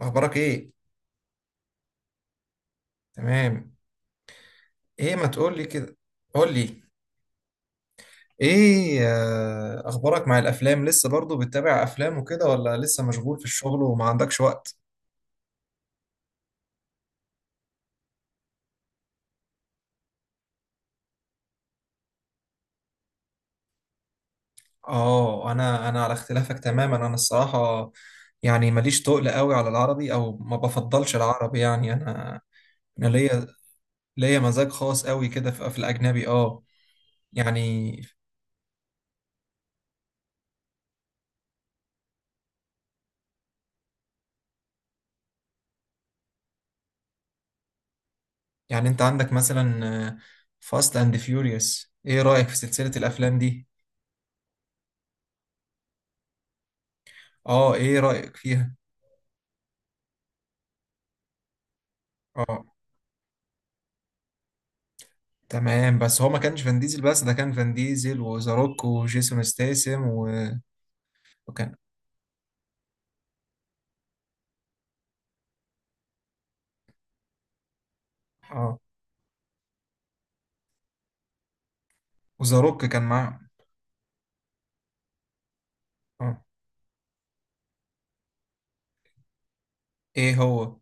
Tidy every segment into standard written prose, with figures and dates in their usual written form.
اخبارك ايه؟ تمام. ايه ما تقول لي كده؟ قول لي. ايه اخبارك مع الافلام؟ لسه برضو بتتابع افلام وكده ولا لسه مشغول في الشغل وما عندكش وقت؟ اه، انا على اختلافك تماما، انا الصراحة. يعني ماليش تقل قوي على العربي او ما بفضلش العربي، يعني انا. انا ليا مزاج خاص قوي كده في الاجنبي اه يعني. يعني انت عندك مثلا فاست اند فيوريوس، ايه رأيك في سلسلة الافلام دي؟ اه، ايه رأيك فيها؟ اه، تمام. بس هو ما كانش فان ديزل، بس ده كان فان ديزل وذا روك وجيسون ستاثام و وكان. اه، وذا روك كان معاه. اه، ايه هو؟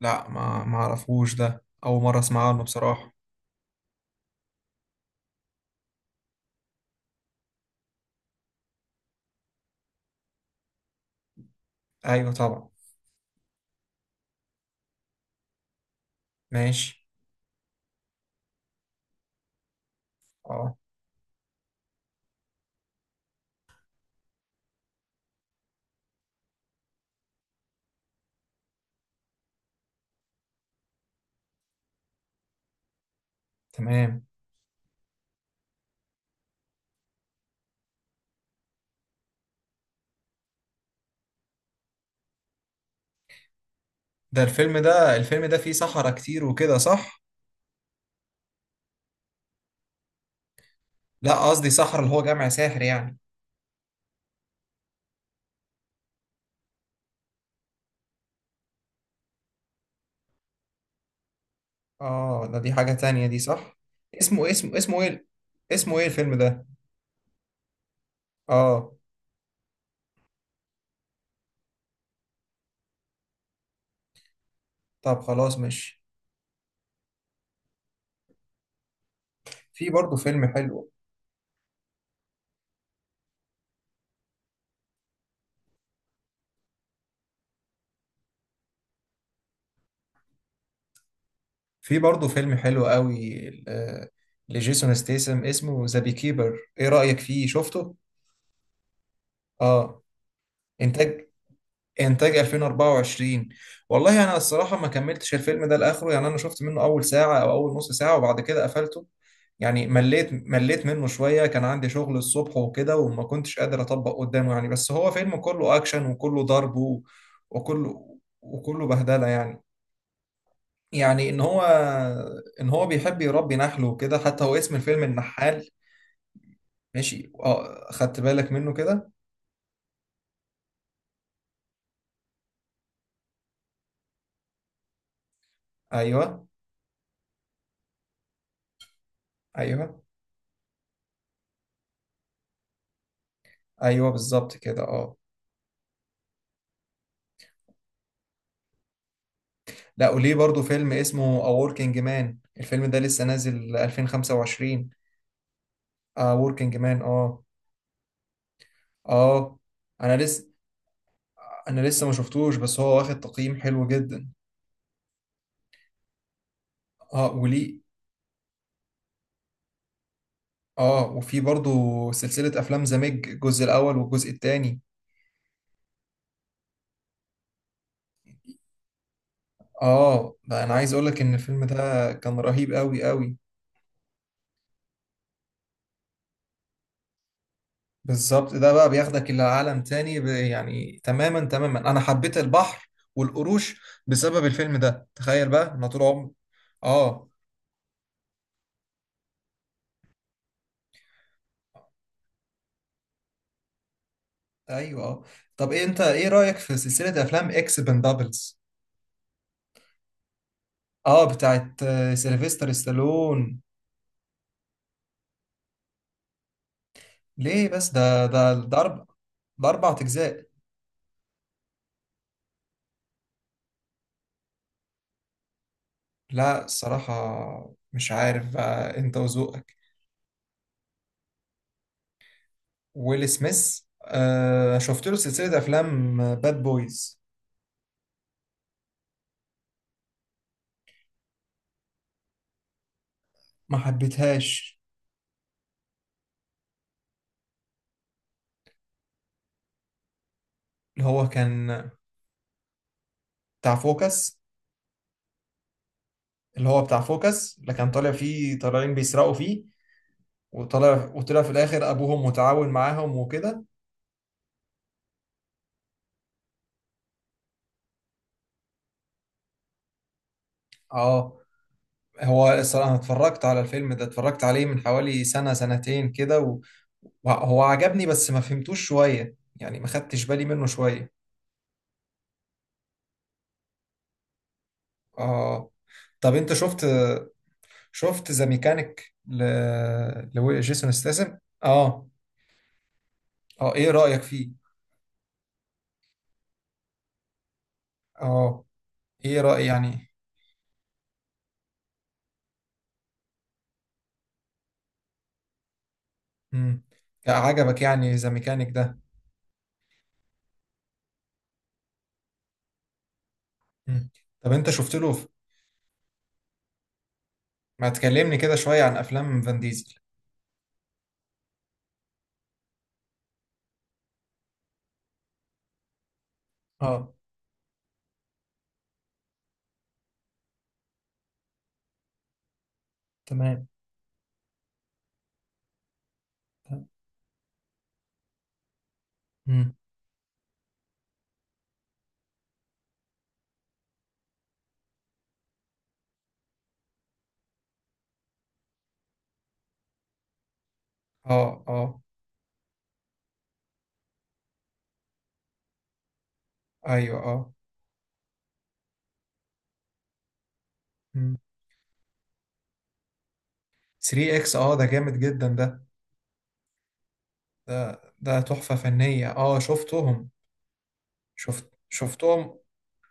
لا، ما اعرفوش، ده اول مره اسمع عنه بصراحه. ايوه طبعا. ماشي. اه، تمام. ده الفيلم ده فيه صحراء كتير وكده، صح؟ لا، قصدي صحراء اللي هو جامع ساحر، يعني. اه، ده دي حاجه تانية دي، صح؟ اسمه ايه اسمه ايه الفيلم ده؟ اه. طب خلاص، ماشي. في برضه فيلم حلو. في برضه فيلم حلو قوي لجيسون ستيسم، اسمه ذا بي كيبر، ايه رأيك فيه؟ شفته؟ اه. انتاج انتاج 2024. والله انا الصراحة ما كملتش الفيلم ده لاخره، يعني انا شفت منه اول ساعة او اول نص ساعة وبعد كده قفلته. يعني مليت منه شوية، كان عندي شغل الصبح وكده وما كنتش قادر اطبق قدامه يعني، بس هو فيلم كله اكشن وكله ضرب وكله بهدلة، يعني. يعني ان هو. ان هو بيحب يربي نحل وكده، حتى هو اسم الفيلم النحال. ماشي، اه، خدت بالك منه كده. ايوه ايوه. ايوه بالظبط كده، اه. لا، وليه برضو فيلم اسمه A Working Man، الفيلم ده لسه نازل 2025. A Working Man، اه. اه. انا لسه انا لسه ما شفتوش، بس هو واخد تقييم حلو جدا. اه، وليه. اه، وفي برضو سلسلة افلام ذا ميج، الجزء الاول والجزء الثاني. اه، ده انا عايز اقولك ان الفيلم ده كان رهيب قوي قوي. بالظبط، ده بقى بياخدك الى عالم تاني، يعني تماما تماما انا حبيت البحر والقروش بسبب الفيلم ده، تخيل بقى انا طول عمري. اه. ايوه، اه. طب، إيه انت ايه رايك في سلسله افلام اكس بندابلز؟ اه، بتاعت سيلفستر ستالون. ليه بس؟ ده اربع، ده اربع اجزاء. لا الصراحه مش عارف، بقى انت وذوقك. ويل سميث، شفت له سلسلة أفلام باد بويز. ما حبيتهاش. اللي هو كان بتاع فوكس. اللي هو بتاع فوكس، اللي كان طالع فيه طالعين بيسرقوا فيه. وطلع في الآخر أبوهم متعاون معاهم وكده. اه، هو الصراحة أنا اتفرجت على الفيلم ده، اتفرجت عليه من حوالي سنة سنتين كده و وهو عجبني بس ما فهمتوش شوية، يعني ما خدتش بالي منه شوية. اه، طب انت شفت ذا ميكانيك لجيسون ستاثام. اه. اه، ايه رأيك فيه؟ اه، ايه رأي، يعني؟ امم. عجبك يعني ذا ميكانيك ده؟ مم. طب انت شفت له ما تكلمني كده شوية عن افلام فان ديزل. اه، تمام. تمام. امم. اه، اه، ايوه، اه. امم. 3 اكس، اه، ده جامد جدا ده. ده تحفة فنية، اه شفتهم. شفتهم.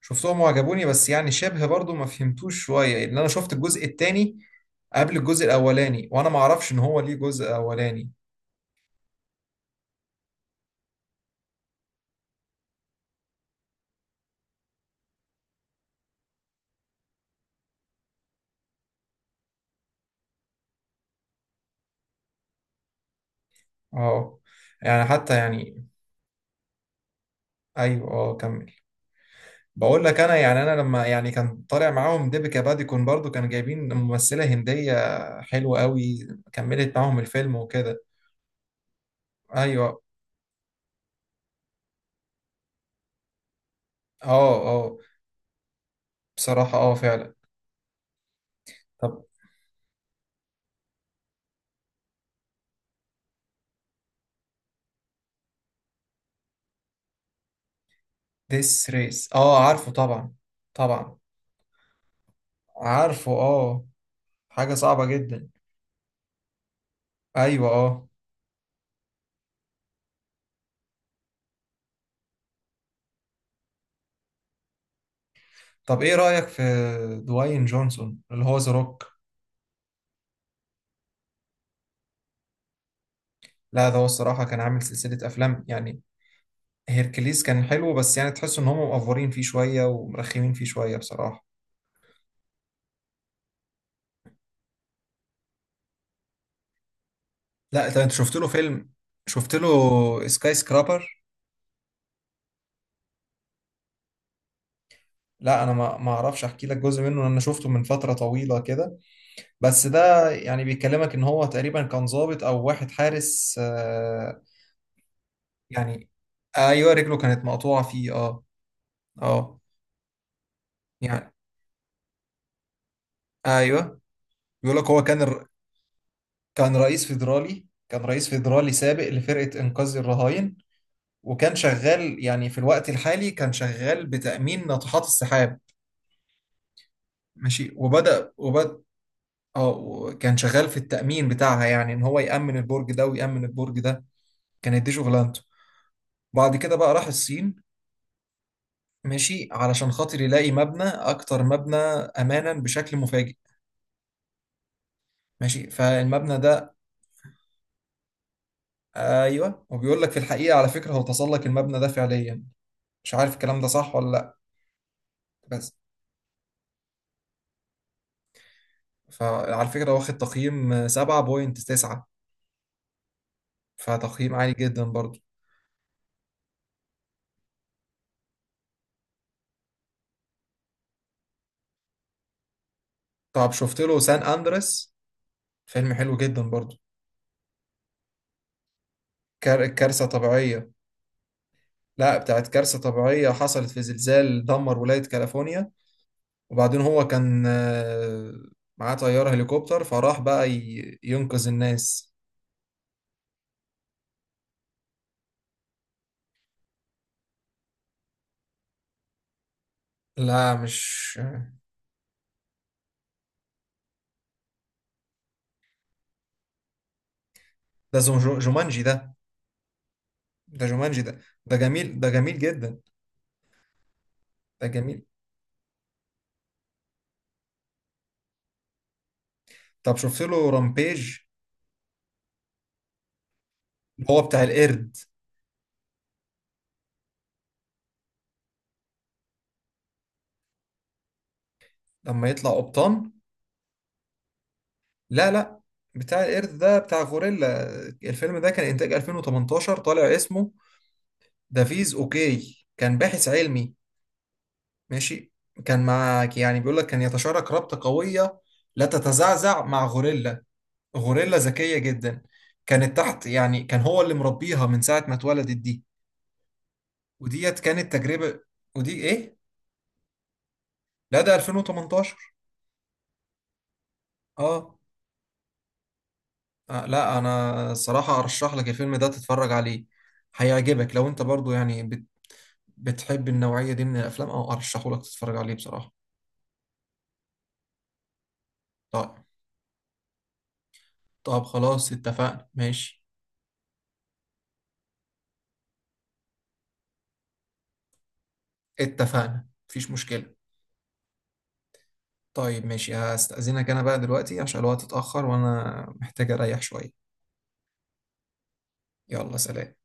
شفتهم وعجبوني، بس يعني شبه برضو ما فهمتوش شوية، ان انا شفت الجزء التاني قبل الجزء الاولاني، وانا ما اعرفش ان هو ليه جزء اولاني. اه، يعني حتى، يعني. ايوه، اه، كمل. بقول لك انا، يعني انا لما، يعني، كان طالع معاهم ديبيكا باديكون، برضو كانوا جايبين ممثلة هندية حلوة قوي، كملت معاهم الفيلم وكده. ايوه، اه، اه. بصراحة، اه، فعلا. طب ديس ريس، اه، عارفه طبعا. طبعا. عارفه، اه. حاجة صعبة جدا. ايوه، اه. طب، ايه رأيك في دواين جونسون، اللي هو ذا روك؟ لا، ده هو الصراحة كان عامل سلسلة افلام يعني. هيركليس كان حلو، بس يعني تحس ان هم مقفورين فيه شوية ومرخمين فيه شوية بصراحة. لا ده، انت شفت له فيلم؟ شفت له سكاي سكرابر؟ لا، انا ما اعرفش احكي لك جزء منه، لأن انا شفته من فترة طويلة كده. بس ده يعني بيكلمك ان هو تقريبا كان ضابط او واحد حارس. يعني. ايوه، رجله كانت مقطوعة فيه، اه. اه، يعني. ايوه، بيقول لك هو كان. كان رئيس فيدرالي سابق لفرقة إنقاذ الرهاين. وكان شغال يعني، في الوقت الحالي كان شغال بتأمين ناطحات السحاب. ماشي، وبدأ. اه، كان شغال في التأمين بتاعها، يعني إن هو يأمن البرج ده ويأمن البرج ده، كانت دي شغلانته. بعد كده بقى راح الصين. ماشي، علشان خاطر يلاقي مبنى، أكتر مبنى أمانا بشكل مفاجئ. ماشي، فالمبنى ده. أيوه، وبيقول لك في الحقيقة، على فكرة، هو تسلق المبنى ده فعليا، مش عارف الكلام ده صح ولا لأ. بس فعلى فكرة واخد تقييم 7.9، فتقييم عالي جدا برضو. طب شفت له سان أندريس؟ فيلم حلو جدا برضو. كارثة طبيعية. لا، بتاعت كارثة طبيعية حصلت في زلزال دمر ولاية كاليفورنيا. وبعدين هو كان معاه طيارة هليكوبتر، فراح بقى ينقذ الناس. لا مش. ده جومانجي ده. ده جومانجي ده، ده جميل، ده جميل جدا. ده جميل. طب شفت له رامبيج؟ هو بتاع القرد. لما يطلع قبطان. لا، لا، بتاع القرد ده بتاع غوريلا. الفيلم ده كان إنتاج 2018، طالع اسمه دافيز أوكي، كان باحث علمي. ماشي، كان معاك يعني بيقول لك كان يتشارك رابطة قوية، لا تتزعزع، مع غوريلا. غوريلا ذكية جدا، كانت تحت، يعني كان هو اللي مربيها من ساعة ما اتولدت دي. وديت كانت تجربة. ودي إيه؟ لا، ده 2018. آه. لا أنا الصراحة أرشح لك الفيلم ده، تتفرج عليه هيعجبك، لو أنت برضو يعني بتحب النوعية دي من الأفلام، أو أرشحهولك تتفرج عليه بصراحة. طيب. طب خلاص، اتفقنا ماشي. اتفقنا، مفيش مشكلة. طيب ماشي، هستأذنك أنا بقى دلوقتي عشان الوقت اتأخر وأنا محتاج أريح شوية. يلا سلام.